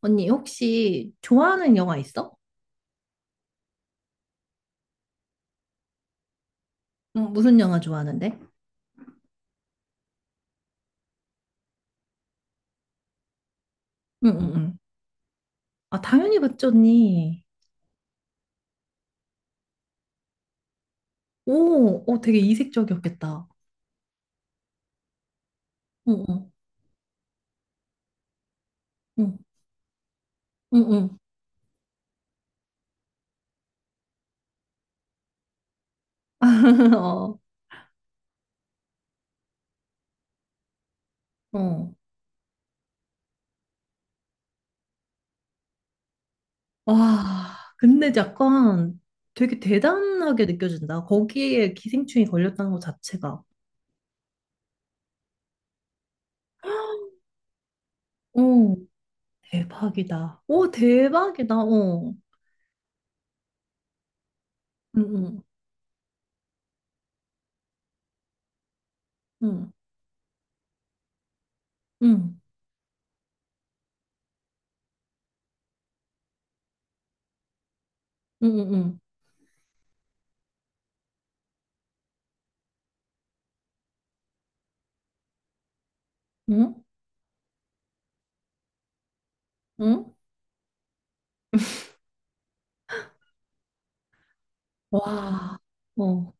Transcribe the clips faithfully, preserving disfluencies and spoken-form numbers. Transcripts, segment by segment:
언니, 혹시 좋아하는 영화 있어? 응, 무슨 영화 좋아하는데? 응, 응, 응. 아, 당연히 봤죠, 언니. 오, 어, 되게 이색적이었겠다. 응, 응, 응, 응, 응. 어, 어. 와, 근데 약간 되게 대단하게 느껴진다. 거기에 기생충이 걸렸다는 것 자체가. 오, 대박이다. 오, 대박이다. 어. 응, 응, 응, 응, 응, 응, 응, 응. 응? 와, 어.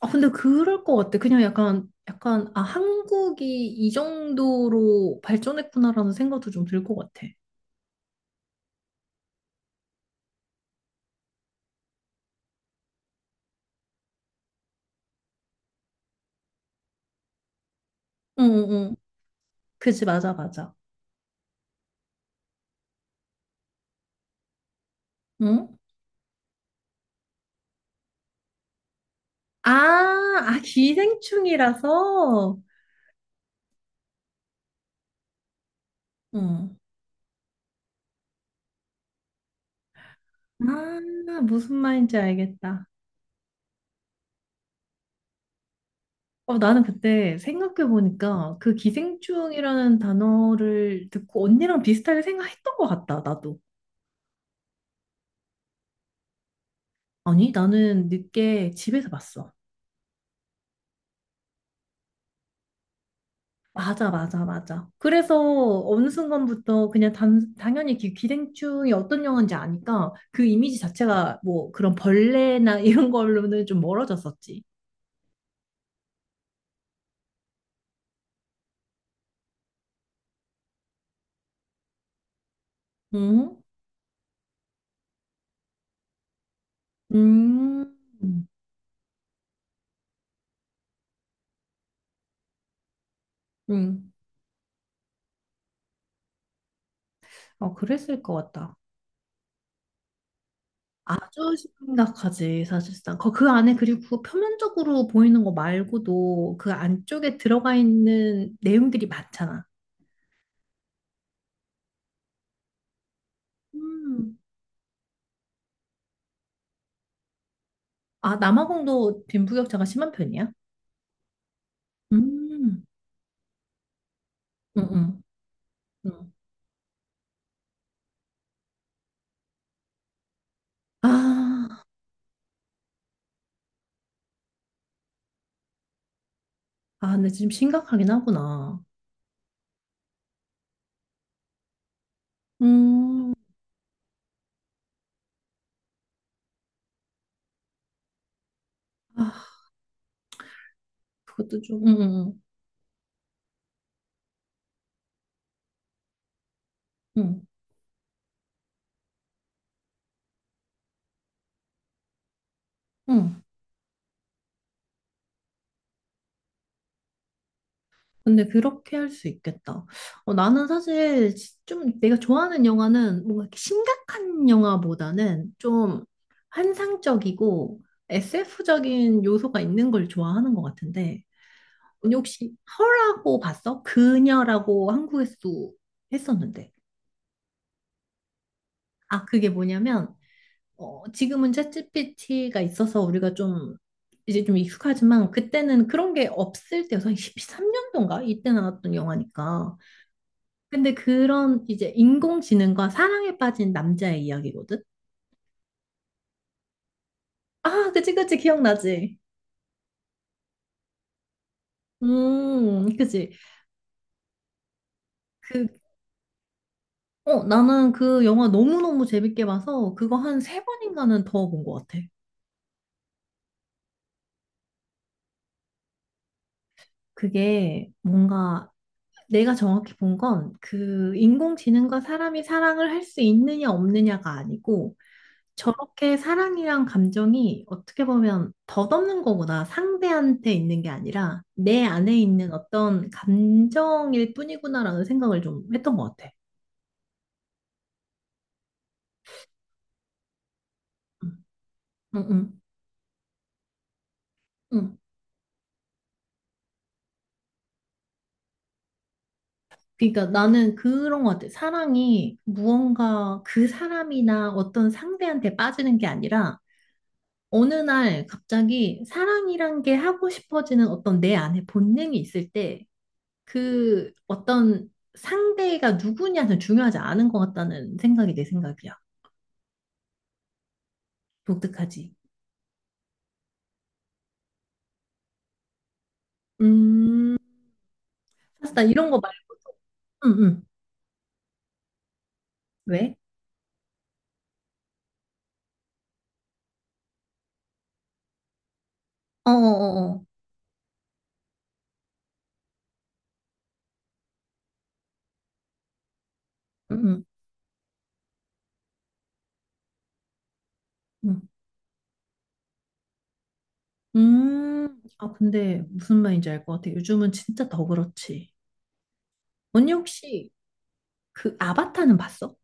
아, 근데 그럴 것 같아. 그냥 약간, 약간, 아, 한국이 이 정도로 발전했구나라는 생각도 좀 들 것 같아. 응, 응, 응. 그지, 맞아, 맞아. 응? 아, 아, 기생충이라서? 응. 아, 무슨 말인지 알겠다. 어, 나는 그때 생각해보니까 그 기생충이라는 단어를 듣고 언니랑 비슷하게 생각했던 것 같다, 나도. 아니, 나는 늦게 집에서 봤어. 맞아, 맞아, 맞아. 그래서 어느 순간부터 그냥 단, 당연히 기, 기생충이 어떤 영화인지 아니까 그 이미지 자체가 뭐 그런 벌레나 이런 걸로는 좀 멀어졌었지. 응? 음, 음. 어, 그랬을 것 같다. 아주 심각하지, 사실상. 그 그 안에 그리고 그 표면적으로 보이는 거 말고도 그 안쪽에 들어가 있는 내용들이 많잖아. 음. 아, 남아공도 빈부격차가 심한 편이야? 음, 응, 응. 응. 아, 아, 근데 지금 심각하긴 하구나. 음, 아, 그것도 좀, 음, 음, 음, 음. 근데 그렇게 할 수 있겠다. 어, 나는 사실 좀 내가 좋아하는 영화는 뭔가 이렇게 심각한 영화보다는 좀 환상적이고 에스에프적인 요소가 있는 걸 좋아하는 것 같은데, 언니 혹시 허라고 봤어? 그녀라고 한국에서 도 했었는데. 아, 그게 뭐냐면, 어, 지금은 챗지피티가 있어서 우리가 좀 이제 좀 익숙하지만 그때는 그런 게 없을 때여서 십삼 년도인가 이때 나왔던 영화니까. 근데 그런 이제 인공지능과 사랑에 빠진 남자의 이야기거든. 아, 그치 그치 기억나지. 음, 그치. 그 어, 나는 그 영화 너무너무 재밌게 봐서 그거 한 세 번인가는 더 본 것 같아. 그게 뭔가 내가 정확히 본 건 그 인공지능과 사람이 사랑을 할 수 있느냐 없느냐가 아니고 저렇게 사랑이란 감정이 어떻게 보면 덧없는 거구나. 상대한테 있는 게 아니라 내 안에 있는 어떤 감정일 뿐이구나라는 생각을 좀 했던 것 같아. 응, 응, 응. 응. 그러니까 나는 그런 것 같아. 사랑이 무언가 그 사람이나 어떤 상대한테 빠지는 게 아니라 어느 날 갑자기 사랑이란 게 하고 싶어지는 어떤 내 안에 본능이 있을 때 그 어떤 상대가 누구냐는 중요하지 않은 것 같다는 생각이 내 생각이야. 독특하지. 음, 사실 나 이런 거 말고, 응, 응. 왜? 어어어어. 응, 응, 응. 음, 음, 음. 음, 아, 근데 무슨 말인지 알 것 같아. 요즘은 진짜 더 그렇지. 언니 혹시 그 아바타는 봤어?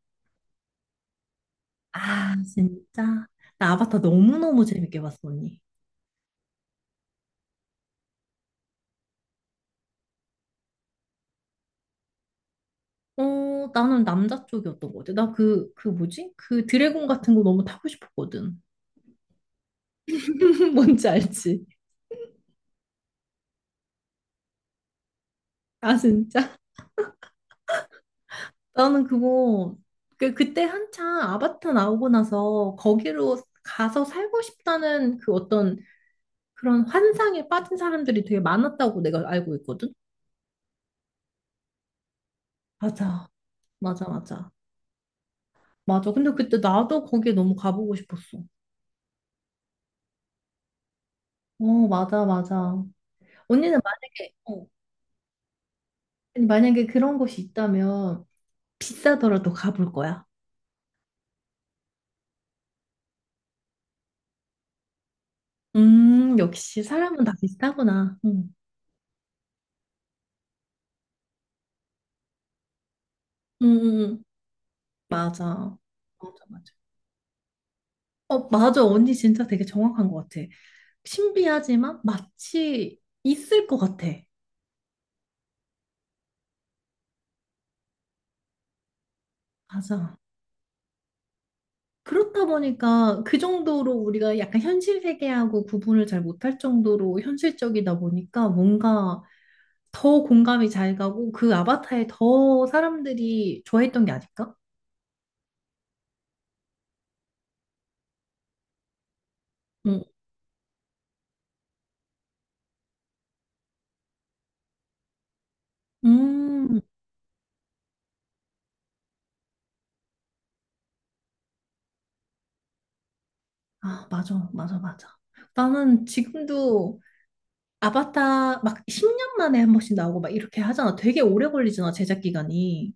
아, 진짜? 나 아바타 너무너무 재밌게 봤어, 언니. 어, 나는 남자 쪽이었던 것 같아. 나 그, 그 뭐지? 그 드래곤 같은 거 너무 타고 싶었거든. 뭔지 알지? 아, 진짜? 나는 그거, 그, 그때 한창 아바타 나오고 나서 거기로 가서 살고 싶다는 그 어떤 그런 환상에 빠진 사람들이 되게 많았다고 내가 알고 있거든? 맞아. 맞아, 맞아. 맞아. 근데 그때 나도 거기에 너무 가보고 싶었어. 어, 맞아, 맞아. 언니는 만약에, 어, 아니, 만약에 그런 곳이 있다면 비싸더라도 가볼 거야. 음, 역시 사람은 다 비슷하구나. 응. 응, 응, 응. 맞아. 맞아, 맞아. 어, 맞아. 언니 진짜 되게 정확한 것 같아. 신비하지만 마치 있을 것 같아. 맞아. 그렇다 보니까 그 정도로 우리가 약간 현실 세계하고 구분을 잘 못할 정도로 현실적이다 보니까 뭔가 더 공감이 잘 가고 그 아바타에 더 사람들이 좋아했던 게 아닐까? 음, 음. 아, 맞아, 맞아, 맞아. 나는 지금도 아바타 막 십 년 만에 한 번씩 나오고 막 이렇게 하잖아. 되게 오래 걸리잖아, 제작 기간이.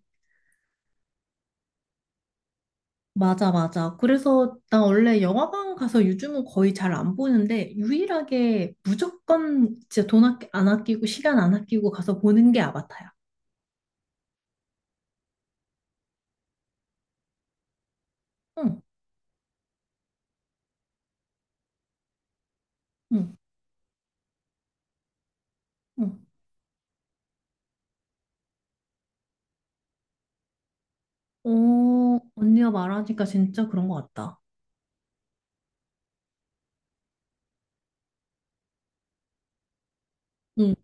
맞아, 맞아. 그래서 나 원래 영화관 가서 요즘은 거의 잘 안 보는데 유일하게 무조건 진짜 돈 아끼- 안 아끼고 시간 안 아끼고 가서 보는 게 아바타야. 응, 응, 응. 어, 언니가 말하니까 진짜 그런 것 같다. 응,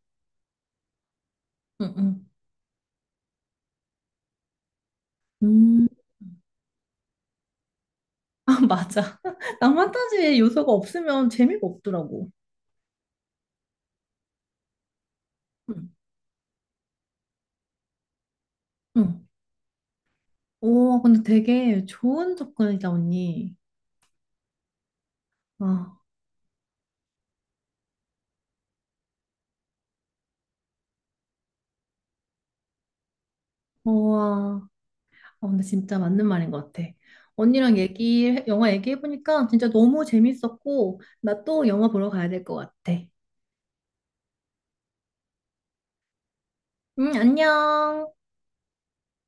응, 응. 음, 아, 맞아. 낭만 타지의 요소가 없으면 재미가 없더라고. 응. 응. 오, 근데 되게 좋은 접근이다, 언니. 아, 우와. 아, 근데 진짜 맞는 말인 것 같아. 언니랑 얘기, 영화 얘기해보니까 진짜 너무 재밌었고, 나 또 영화 보러 가야 될 것 같아. 응, 안녕.